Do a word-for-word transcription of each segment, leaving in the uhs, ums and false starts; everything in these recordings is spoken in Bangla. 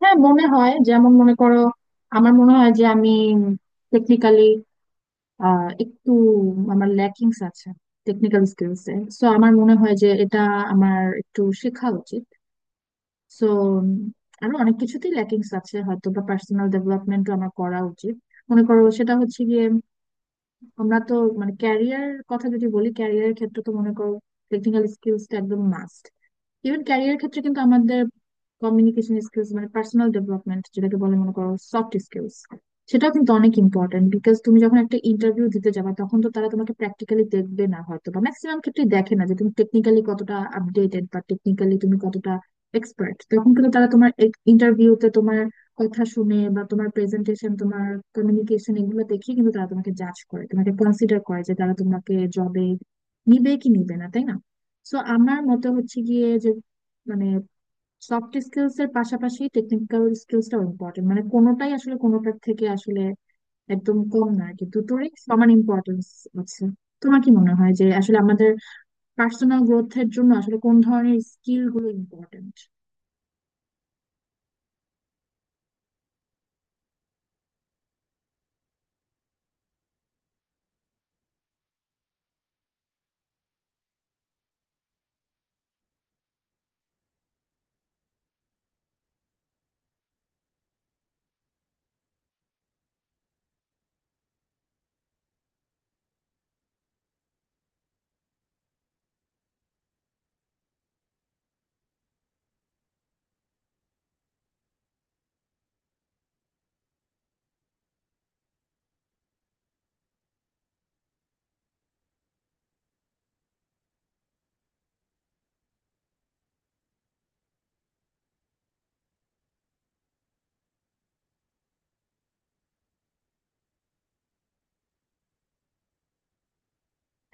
হ্যাঁ, মনে হয়। যেমন মনে করো, আমার মনে হয় যে আমি টেকনিক্যালি একটু, আমার ল্যাকিংস আছে টেকনিক্যাল স্কিলস এ। সো আমার মনে হয় যে এটা আমার একটু শেখা উচিত। সো আরো অনেক কিছুতেই ল্যাকিংস আছে, হয়তো বা পার্সোনাল ডেভেলপমেন্টও আমার করা উচিত। মনে করো সেটা হচ্ছে গিয়ে আমরা তো মানে, ক্যারিয়ার কথা যদি বলি, ক্যারিয়ারের ক্ষেত্রে তো মনে করো টেকনিক্যাল স্কিলস টা একদম মাস্ট। ইভেন ক্যারিয়ার ক্ষেত্রে কিন্তু আমাদের কমিউনিকেশন স্কিলস মানে পার্সোনাল ডেভেলপমেন্ট যেটাকে বলে, মনে করো সফট স্কিলস, সেটাও কিন্তু অনেক ইম্পর্টেন্ট। বিকজ তুমি যখন একটা ইন্টারভিউ দিতে যাবে, তখন তো তারা তোমাকে প্র্যাকটিক্যালি দেখবে না, হয়তো বা ম্যাক্সিমাম ক্ষেত্রে দেখে না যে তুমি টেকনিক্যালি কতটা আপডেটেড বা টেকনিক্যালি তুমি কতটা এক্সপার্ট। তখন কিন্তু তারা তোমার ইন্টারভিউতে তোমার কথা শুনে বা তোমার প্রেজেন্টেশন, তোমার কমিউনিকেশন, এগুলো দেখে কিন্তু তারা তোমাকে জাজ করে, তোমাকে কনসিডার করে যে তারা তোমাকে জবে নিবে কি নিবে না, তাই না? সো আমার মতে হচ্ছে গিয়ে যে মানে, সফট স্কিলস এর পাশাপাশি টেকনিক্যাল স্কিলসটাও ইম্পর্টেন্ট, মানে কোনোটাই আসলে কোনোটার থেকে আসলে একদম কম না আর কি, দুটোরই সমান ইম্পর্টেন্স আছে। তোমার কি মনে হয় যে আসলে আমাদের পার্সোনাল গ্রোথের জন্য আসলে কোন ধরনের স্কিল গুলো ইম্পর্টেন্ট?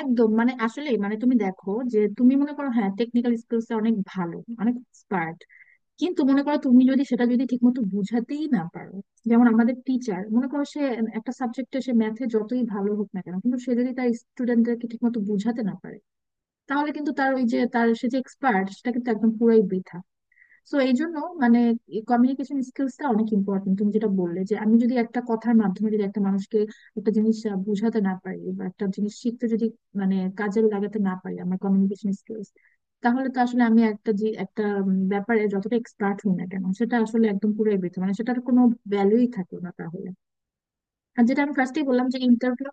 একদম, মানে আসলে মানে তুমি দেখো যে তুমি মনে করো হ্যাঁ, টেকনিক্যাল স্কিলস এ অনেক ভালো, অনেক এক্সপার্ট, কিন্তু মনে করো তুমি যদি সেটা যদি ঠিকমতো বোঝাতেই না পারো। যেমন আমাদের টিচার, মনে করো সে একটা সাবজেক্টে, সে ম্যাথে যতই ভালো হোক না কেন, কিন্তু সে যদি তার স্টুডেন্টদেরকে ঠিকমতো বোঝাতে না পারে, তাহলে কিন্তু তার ওই যে তার সে যে এক্সপার্ট, সেটা কিন্তু একদম পুরাই বৃথা। সো এই জন্য মানে, কমিউনিকেশন স্কিলসটা অনেক ইম্পর্টেন্ট। তুমি যেটা বললে যে আমি যদি একটা কথার মাধ্যমে যদি একটা মানুষকে একটা জিনিস আহ, বোঝাতে না পারি বা একটা জিনিস শিখতে যদি মানে কাজে লাগাতে না পারি আমার কমিউনিকেশন স্কিলস, তাহলে তো আসলে আমি একটা যে একটা উম, ব্যাপারে যতটা এক্সপার্ট হই না কেন, সেটা আসলে একদম পুরোই বৃথা, মানে সেটার কোনো ভ্যালুই থাকলো না তাহলে। আর যেটা আমি ফার্স্টেই বললাম যে ইন্টারভিউ।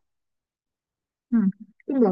হুম। তুমি বলো।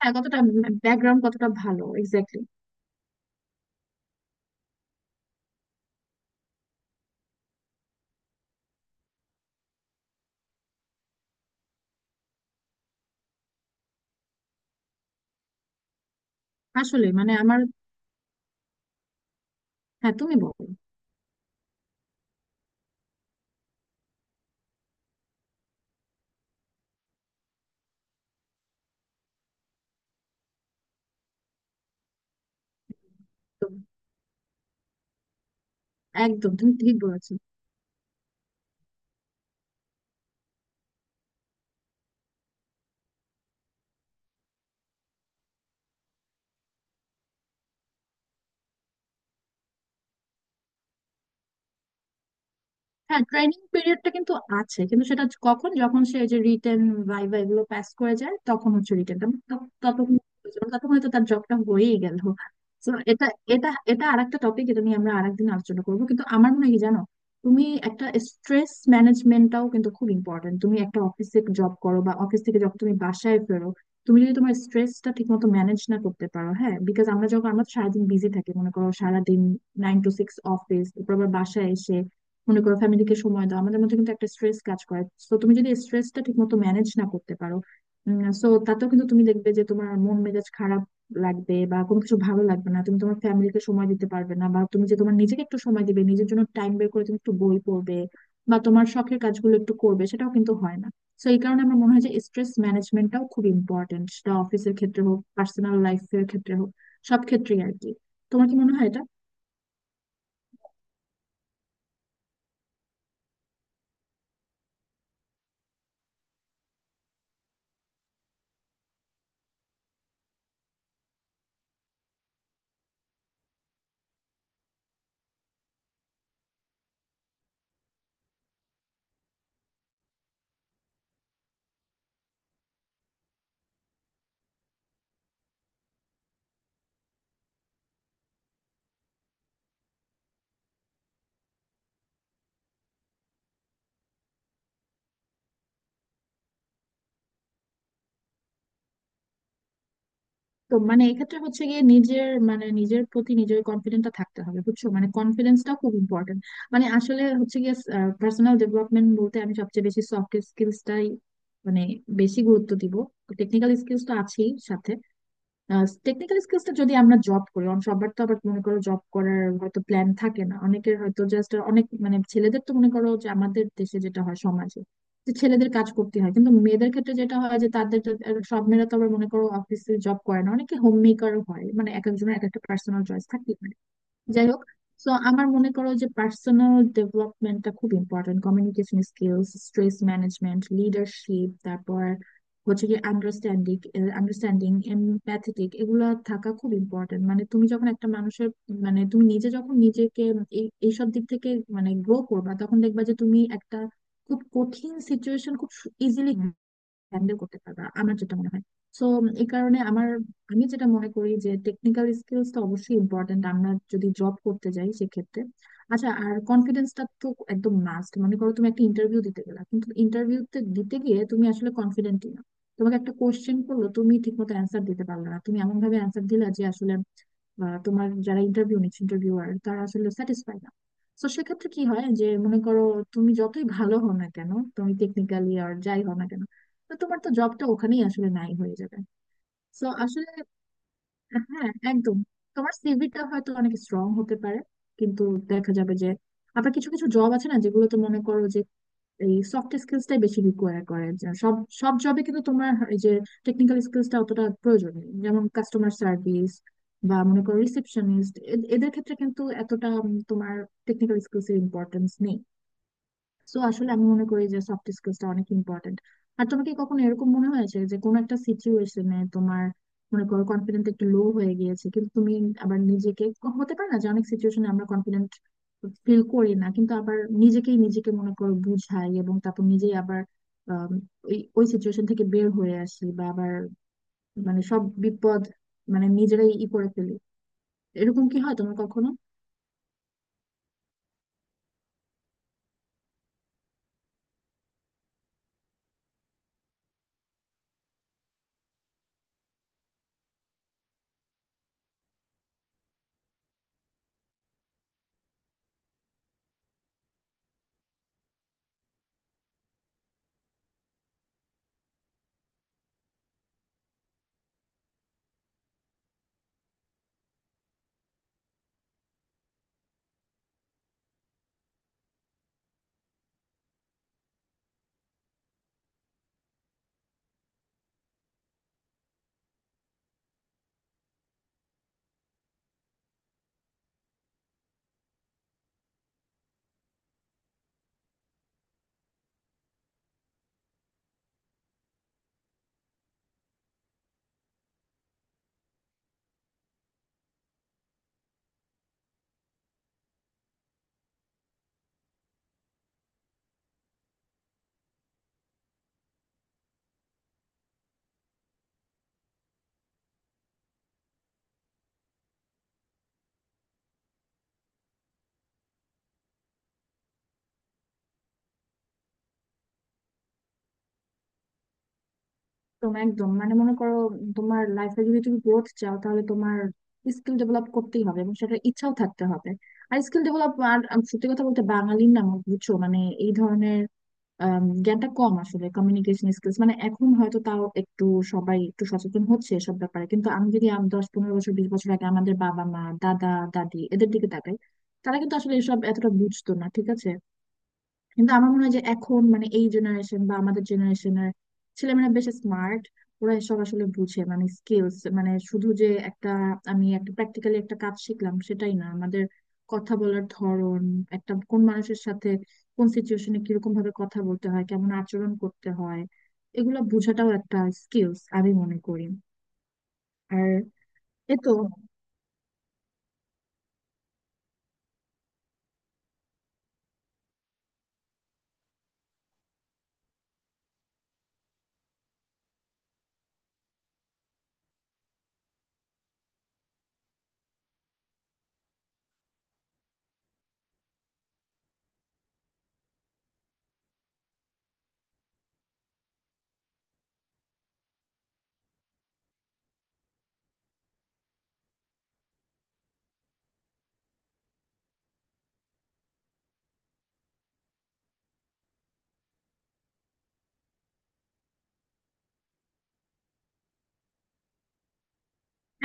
হ্যাঁ, কতটা ব্যাকগ্রাউন্ড কতটা ভালো, এক্স্যাক্টলি। আসলে মানে আমার। হ্যাঁ, তুমি বলো। একদম। একদম, তুমি ঠিক বলেছো। হ্যাঁ, ট্রেনিং পিরিয়ডটা কিন্তু আছে, কিন্তু সেটা হচ্ছে কখন, যখন সে এই যে রিটেন, ভাইভা এগুলো পাস করে যায়, তখন হচ্ছে রিটেনটা, ততক্ষণ, ততক্ষণে তো তার জবটা হয়েই গেল। তো এটা এটা এটা আরেকটা টপিক, এটা নিয়ে আমরা আরেকদিন আলোচনা করবো। কিন্তু আমার মনে হয় কি জানো, তুমি একটা, স্ট্রেস ম্যানেজমেন্টটাও কিন্তু খুব ইম্পর্টেন্ট। তুমি একটা অফিসে জব করো বা অফিস থেকে যখন তুমি বাসায় ফেরো, তুমি যদি তোমার স্ট্রেসটা ঠিক মতো ম্যানেজ না করতে পারো, হ্যাঁ, বিকজ আমরা যখন, আমরা তো সারাদিন বিজি থাকি, মনে করো সারাদিন নাইন টু সিক্স অফিস, তারপর আবার বাসায় এসে মনে করো ফ্যামিলিকে সময় দাও, আমাদের মধ্যে কিন্তু একটা স্ট্রেস কাজ করে। তো তুমি যদি স্ট্রেসটা ঠিক মতো ম্যানেজ না করতে পারো, সো তাতেও কিন্তু তুমি দেখবে যে তোমার মন মেজাজ খারাপ লাগবে বা কোনো কিছু ভালো লাগবে না, তুমি তোমার ফ্যামিলিকে সময় দিতে পারবে না, বা তুমি যে তোমার নিজেকে একটু সময় দিবে, নিজের জন্য টাইম বের করে তুমি একটু বই পড়বে বা তোমার শখের কাজগুলো একটু করবে, সেটাও কিন্তু হয় না। তো এই কারণে আমার মনে হয় যে স্ট্রেস ম্যানেজমেন্টটাও খুব ইম্পর্টেন্ট, সেটা অফিসের ক্ষেত্রে হোক, পার্সোনাল লাইফের ক্ষেত্রে হোক, সব ক্ষেত্রেই আর কি। তোমার কি মনে হয় এটা? তো মানে এক্ষেত্রে হচ্ছে গিয়ে নিজের মানে নিজের প্রতি নিজের কনফিডেন্টটা থাকতে হবে, বুঝছো? মানে কনফিডেন্সটা খুব ইম্পর্টেন্ট। মানে আসলে হচ্ছে গিয়ে পার্সোনাল ডেভেলপমেন্ট বলতে আমি সবচেয়ে বেশি সফট স্কিলসটাই মানে বেশি গুরুত্ব দিব। টেকনিক্যাল স্কিলস তো আছেই সাথে, টেকনিক্যাল স্কিলসটা যদি আমরা জব করি, অন- সবার তো আবার মনে করো জব করার হয়তো প্ল্যান থাকে না অনেকের, হয়তো জাস্ট অনেক মানে, ছেলেদের তো মনে করো যে আমাদের দেশে যেটা হয় সমাজে যে ছেলেদের কাজ করতে হয়, কিন্তু মেয়েদের ক্ষেত্রে যেটা হয় যে তাদের তো- আর সব মেয়েরা তো আবার মনে করো অফিসে জব করে না, অনেকে হোম মেকার হয়, মানে এক একজনের এক একটা পার্সোনাল চয়েস থাকে। যাই হোক। তো আমার মনে করো যে পার্সোনাল ডেভেলপমেন্টটা খুব important, communication skills, stress management, leadership, তারপর হচ্ছে কি আন্ডারস্ট্যান্ডিং। আন্ডারস্ট্যান্ডিং, এমপ্যাথেটিক, এগুলো থাকা খুব ইম্পর্টেন্ট। মানে তুমি যখন একটা মানুষের মানে তুমি নিজে যখন নিজেকে এই এইসব দিক থেকে মানে গ্রো করবা, তখন দেখবা যে তুমি একটা খুব কঠিন সিচুয়েশন খুব ইজিলি হ্যান্ডেল করতে পারবা, আমার যেটা মনে হয়। সো এই কারণে আমার, আমি যেটা মনে করি যে টেকনিক্যাল স্কিলস তো অবশ্যই ইম্পর্টেন্ট আমরা যদি জব করতে যাই সেক্ষেত্রে। আচ্ছা, আর কনফিডেন্সটা তো একদম মাস্ট। মনে করো তুমি একটা ইন্টারভিউ দিতে গেলা কিন্তু ইন্টারভিউতে দিতে গিয়ে তুমি আসলে কনফিডেন্টই না, তোমাকে একটা কোশ্চেন করলো তুমি ঠিকমতো অ্যান্সার দিতে পারলে না, তুমি এমন ভাবে অ্যান্সার দিলা যে আসলে আহ, তোমার যারা ইন্টারভিউ নিচ্ছে ইন্টারভিউয়ার, তারা আসলে স্যাটিসফাই না। তো সেক্ষেত্রে কি হয় যে মনে করো তুমি যতই ভালো হও না কেন, তুমি টেকনিক্যালি আর যাই হও না কেন, তো তোমার তো জবটা ওখানেই আসলে নাই হয়ে যাবে। তো আসলে, হ্যাঁ একদম। তোমার সিভিটা হয়তো অনেক স্ট্রং হতে পারে, কিন্তু দেখা যাবে যে আবার কিছু কিছু জব আছে না যেগুলো তো মনে করো যে এই সফট স্কিলসটাই বেশি রিকোয়ার করে, যে সব সব জবে কিন্তু তোমার এই যে টেকনিক্যাল স্কিলসটা অতটা প্রয়োজন নেই, যেমন কাস্টমার সার্ভিস বা মনে করো রিসেপশনিস্ট, এদের ক্ষেত্রে কিন্তু এতটা উম, তোমার টেকনিক্যাল স্কিলস এর ইম্পর্টেন্স নেই। তো আসলে আমি মনে করি যে সফট স্কিলসটা অনেক ইম্পর্টেন্ট। আর তোমাকে কি কখনো এরকম মনে হয়েছে যে কোনো একটা সিচুয়েশনে তোমার মনে করো কনফিডেন্ট একটু লো হয়ে গিয়েছে, কিন্তু তুমি আবার নিজেকে, হতে পারে না যে অনেক সিচুয়েশনে আমরা কনফিডেন্ট ফিল করি না, কিন্তু আবার নিজেকেই নিজেকে মনে করো বুঝাই এবং তারপর নিজেই আবার আম, ওই ওই সিচুয়েশন থেকে বের হয়ে আসি বা আবার মানে সব বিপদ মানে নিজেরাই ই করে ফেলি। এরকম কি হয় তোমার কখনো? একদম, একদম, মানে মনে করো তোমার লাইফে যদি তুমি গ্রোথ চাও তাহলে তোমার স্কিল ডেভেলপ করতেই হবে এবং সেটা ইচ্ছাও থাকতে হবে। আর স্কিল ডেভেলপ আর আম, সত্যি কথা বলতে বাঙালির না আমার, বুঝছো মানে এই ধরনের আম, জ্ঞানটা কম আসলে। কমিউনিকেশন স্কিলস মানে এখন হয়তো তাও একটু সবাই একটু সচেতন হচ্ছে এসব ব্যাপারে, কিন্তু আমি যদি আম দশ পনেরো বছর, বিশ বছর আগে আমাদের বাবা মা দাদা দাদি এদের দিকে তাকাই, তারা কিন্তু আসলে এসব এতটা বুঝতো না, ঠিক আছে। কিন্তু আমার মনে হয় যে এখন মানে এই জেনারেশন বা আমাদের জেনারেশনের ছেলেমেয়েরা বেশ স্মার্ট, ওরা এসব আসলে বুঝে। মানে স্কিলস মানে শুধু যে একটা, আমি একটা প্র্যাকটিক্যালি একটা কাজ শিখলাম সেটাই না, আমাদের কথা বলার ধরন, একটা কোন মানুষের সাথে কোন সিচুয়েশনে কিরকম ভাবে কথা বলতে হয়, কেমন আচরণ করতে হয়, এগুলো বোঝাটাও একটা স্কিলস আমি মনে করি। আর এতো,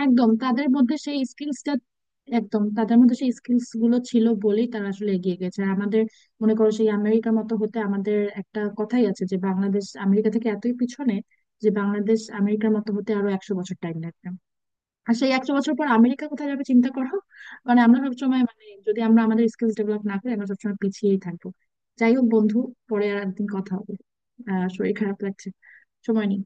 একদম তাদের মধ্যে সেই স্কিলসটা, একদম তাদের মধ্যে সেই স্কিলস গুলো ছিল বলেই তারা আসলে এগিয়ে গেছে। আর আমাদের মনে করো সেই আমেরিকার মতো হতে, আমাদের একটা কথাই আছে যে বাংলাদেশ আমেরিকা থেকে এতই পিছনে যে বাংলাদেশ আমেরিকার মতো হতে আরো একশো বছর টাইম লাগবে। আর সেই একশো বছর পর আমেরিকা কোথায় যাবে চিন্তা করো। মানে আমরা সবসময়, মানে যদি আমরা আমাদের স্কিলস ডেভেলপ না করি, আমরা সবসময় পিছিয়েই থাকবো। যাই হোক বন্ধু, পরে আর একদিন কথা হবে। আহ, শরীর খারাপ লাগছে, সময় নেই।